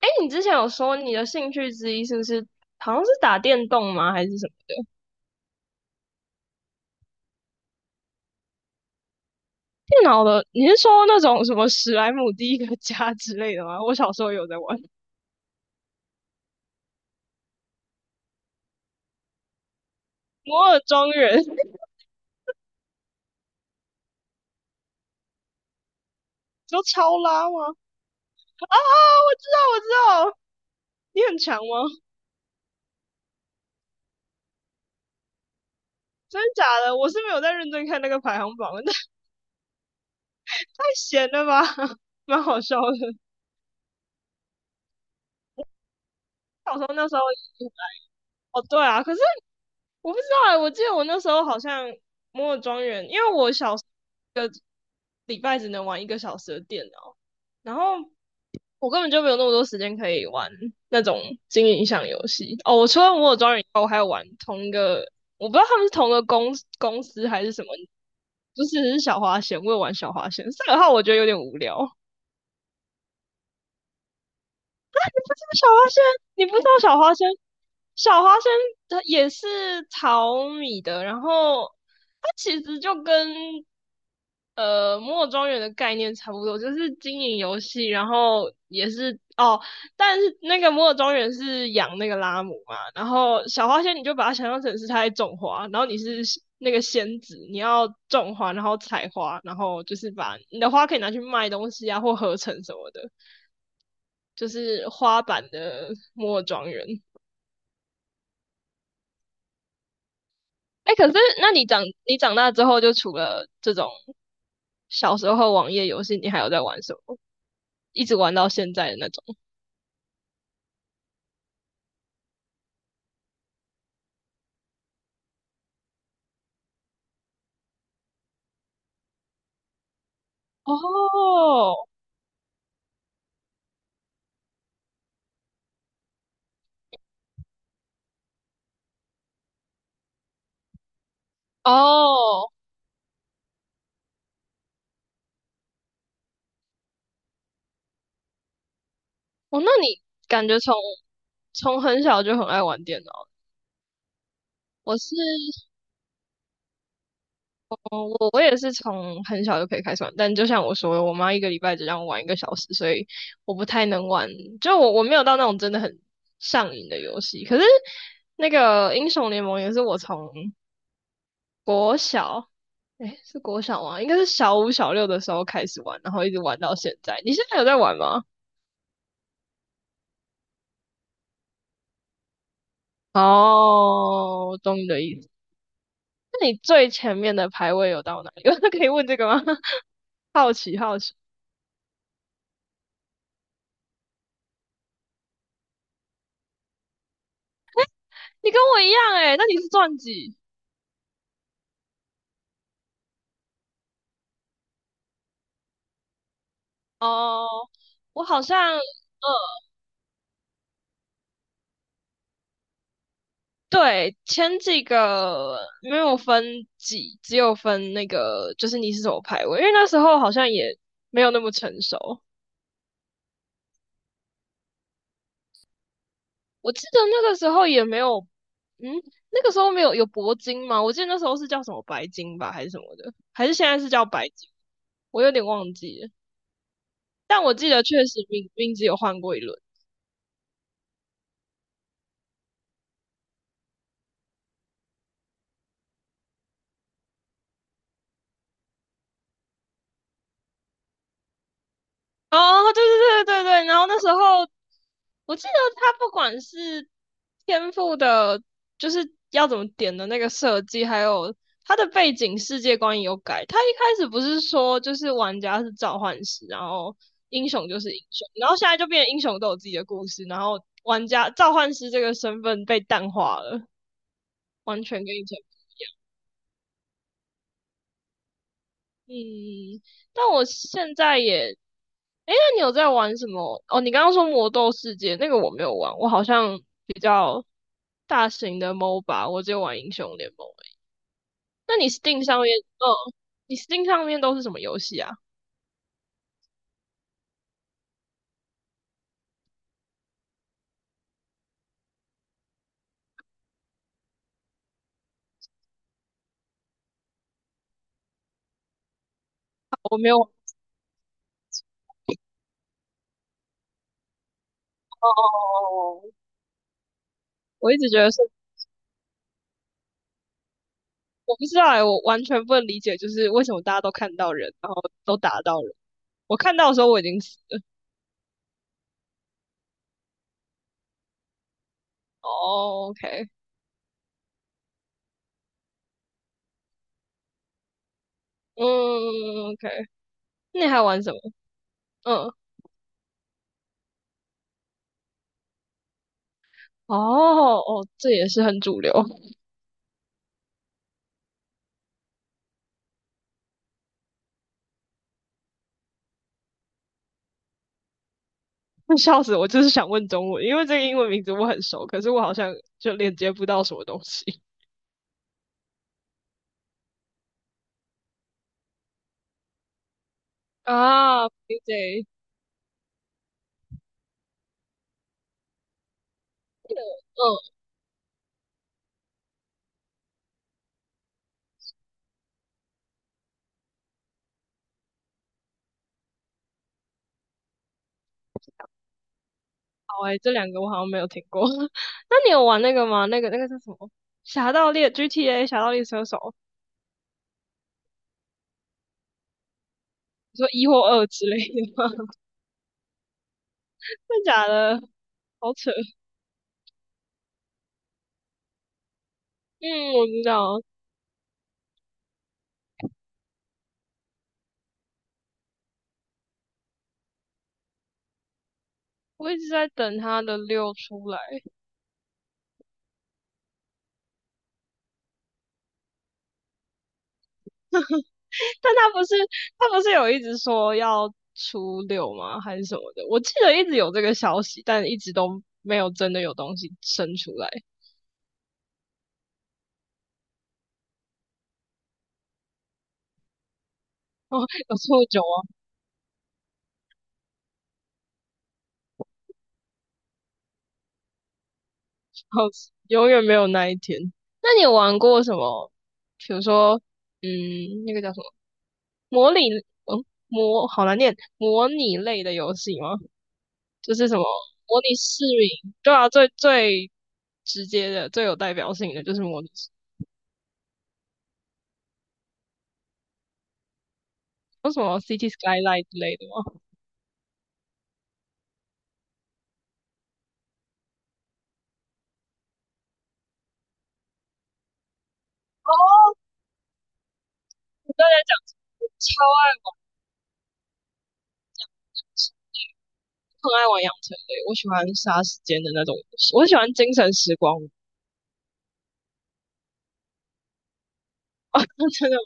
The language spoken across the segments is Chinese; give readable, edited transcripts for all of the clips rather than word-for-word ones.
哎，你之前有说你的兴趣之一是不是好像是打电动吗？还是什么电脑的？你是说那种什么史莱姆第一个家 之类的吗？我小时候有在玩摩尔庄园，你说超拉吗？啊啊！我知道，我知道，你很强吗？真的假的？我是没有在认真看那个排行榜，那太闲了吧，蛮好笑的。小时候那时候，哦对啊，可是我不知道哎、我记得我那时候好像摩尔庄园，因为我小时候一个礼拜只能玩一个小时的电脑，然后我根本就没有那么多时间可以玩那种经营项游戏。哦，我除了摩尔庄园以外，我还有玩同一个，我不知道他们是同一个公司还是什么，就是小花仙，我有玩小花仙。赛尔号我觉得有点无聊。小花仙，你不知道小花仙，小花仙它也是淘米的，然后它其实就跟摩尔庄园的概念差不多，就是经营游戏，然后也是哦，但是那个摩尔庄园是养那个拉姆嘛，然后小花仙你就把它想象成是它在种花，然后你是那个仙子，你要种花，然后采花，然后就是把你的花可以拿去卖东西啊，或合成什么的。就是花版的摩尔庄园。哎，欸可是那你长大之后，就除了这种小时候网页游戏，你还有在玩什么？一直玩到现在的那种？哦哦哦，那你感觉从很小就很爱玩电脑？我是哦我也是从很小就可以开始玩，但就像我说的，我妈一个礼拜只让我玩一个小时，所以我不太能玩。就我没有到那种真的很上瘾的游戏。可是那个英雄联盟也是我从国小，诶，是国小吗？应该是小五小六的时候开始玩，然后一直玩到现在。你现在有在玩吗？哦，我懂你的意思。那你最前面的排位有到哪里？可以问这个吗？好奇好奇。你跟我一样诶，那你是钻几？哦，我好像，对，前几个没有分几，只有分那个，就是你是什么排位，因为那时候好像也没有那么成熟。我记得那个时候也没有，嗯，那个时候没有有铂金吗？我记得那时候是叫什么白金吧，还是什么的，还是现在是叫白金，我有点忘记了。但我记得确实名字有换过一轮。哦，对对对对对，然后那时候我记得他不管是天赋的，就是要怎么点的那个设计，还有他的背景世界观也有改。他一开始不是说就是玩家是召唤师，然后英雄就是英雄，然后现在就变成英雄都有自己的故事，然后玩家召唤师这个身份被淡化了，完全跟以前。嗯，但我现在也，哎，那你有在玩什么？哦，你刚刚说魔斗世界那个我没有玩，我好像比较大型的 MOBA，我只有玩英雄联盟欸。那你 Steam 上面，嗯，你 Steam 上面都是什么游戏啊？我没有，哦哦哦，哦哦我一直觉得是，我不知道哎，我完全不能理解，就是为什么大家都看到人，然后都打到人。我看到的时候我已经死了。哦，OK，嗯，OK，那你还玩什么？嗯。哦哦，这也是很主流，笑死我！就是想问中文，因为这个英文名字我很熟，可是我好像就连接不到什么东西 啊。PJ，嗯，哦好诶、这两个我好像没有听过。那你有玩那个吗？那个叫什么《侠盗猎》GTA《侠盗猎车手》？你说一或二之类的吗？真的假的？好扯。嗯，我知道，我一直在等它的六出来。但他不是有一直说要初六吗？还是什么的？我记得一直有这个消息，但一直都没有真的有东西生出来。哦，有错久啊，好，永远没有那一天。那你有玩过什么？比如说，嗯，那个叫什么模拟，嗯，模好难念，模拟类的游戏吗？就是什么模拟市民，对啊，最最直接的、最有代表性的就是模拟市民有什么 City Skyline 之类的吗？哦，我刚才讲超爱，很爱玩养成类，我喜欢杀时间的那种游戏我喜欢精神时光那 真的吗？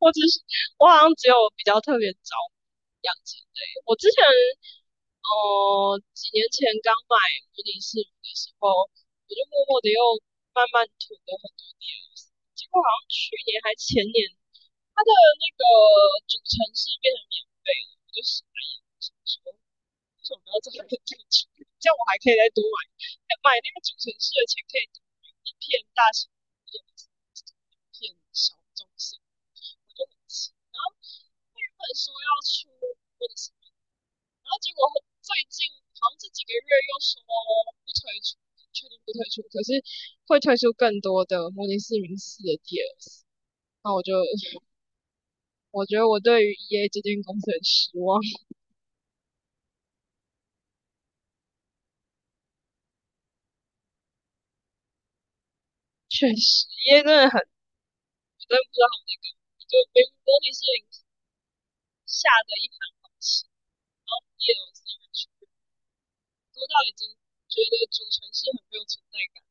我只是我好像只有比较特别着迷养成类。我之前几年前刚买模拟市民的时候，我就默默的又慢慢囤了很多 DLC，结果好像去年还前年，它的那个主城市变成免费了，我就傻眼，想说为什么要这很认真去？这样我还可以再多买那个主城市的钱，可以多买一片大型一片小中心，我就很气。然后原本说要出问题，然后结果最近好像这几个月又说不推出，确定不推出，可是会推出更多的《模拟市民四》的 DLC。那我就 我觉得我对于 EA 这间公司很失望，确实 EA 真的不知道，就模拟市民下的一盘好棋，然后叶罗丝越多到已经觉得主城市很没有存在感。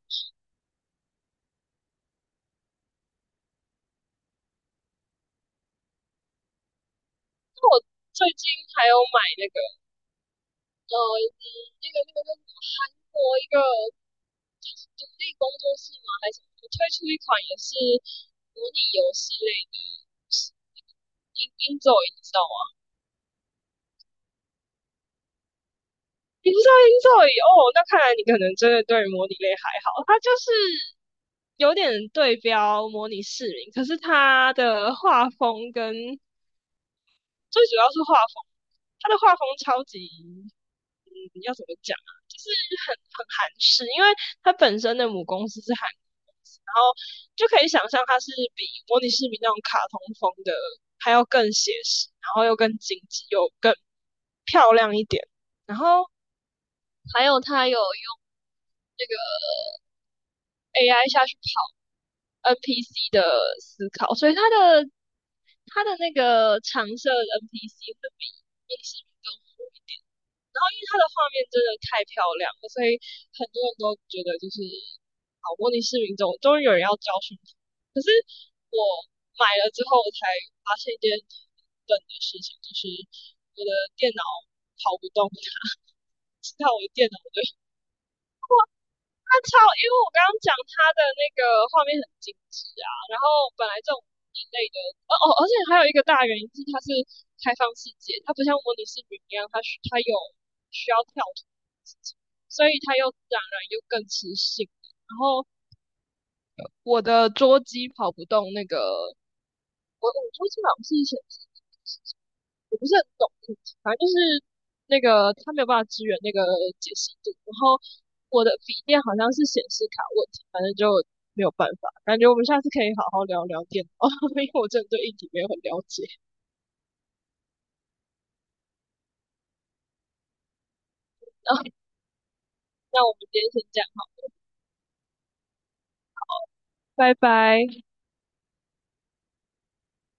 那我最近还有买那个呃嗯那个那个那个国一个独立工作室吗？还是什么？我推出一款也是模拟游戏类的。英咒语你知道吗？你知道英咒语哦，那看来你可能真的对模拟类还好。它就是有点对标模拟市民，可是它的画风跟最主要是画风，他的画风超级，嗯，要怎么讲啊？就是很韩式，因为他本身的母公司是韩国公司，然后就可以想象它是比模拟市民那种卡通风的还要更写实，然后又更精致，又更漂亮一点。然后还有他有用那个 AI 下去跑 NPC 的思考，所以他的那个常设 NPC 会比拟市民宫好一点。然后因为它的画面真的太漂亮了，所以很多人都觉得就是好模拟市民中终于有人要教训他。可是我买了之后，我才发现一件笨的事情，就是我的电脑跑不动它，直到我的电脑的他超，因为我刚刚讲他的那个画面很精致啊，然后本来这种一类的，哦哦，而且还有一个大原因是它是开放世界，它不像模拟市民一样，它有需要跳脱的事情所以它又自然而然又更磁性。然后我的桌机跑不动那个，我桌机好像是显示我不是很懂，反正就是那个他没有办法支援那个解析度，然后我的笔电好像是显示卡问题，反正就没有办法。感觉我们下次可以好好聊聊电脑，因为我真的对硬体没有很了解。然后那我们今天先这样，拜拜。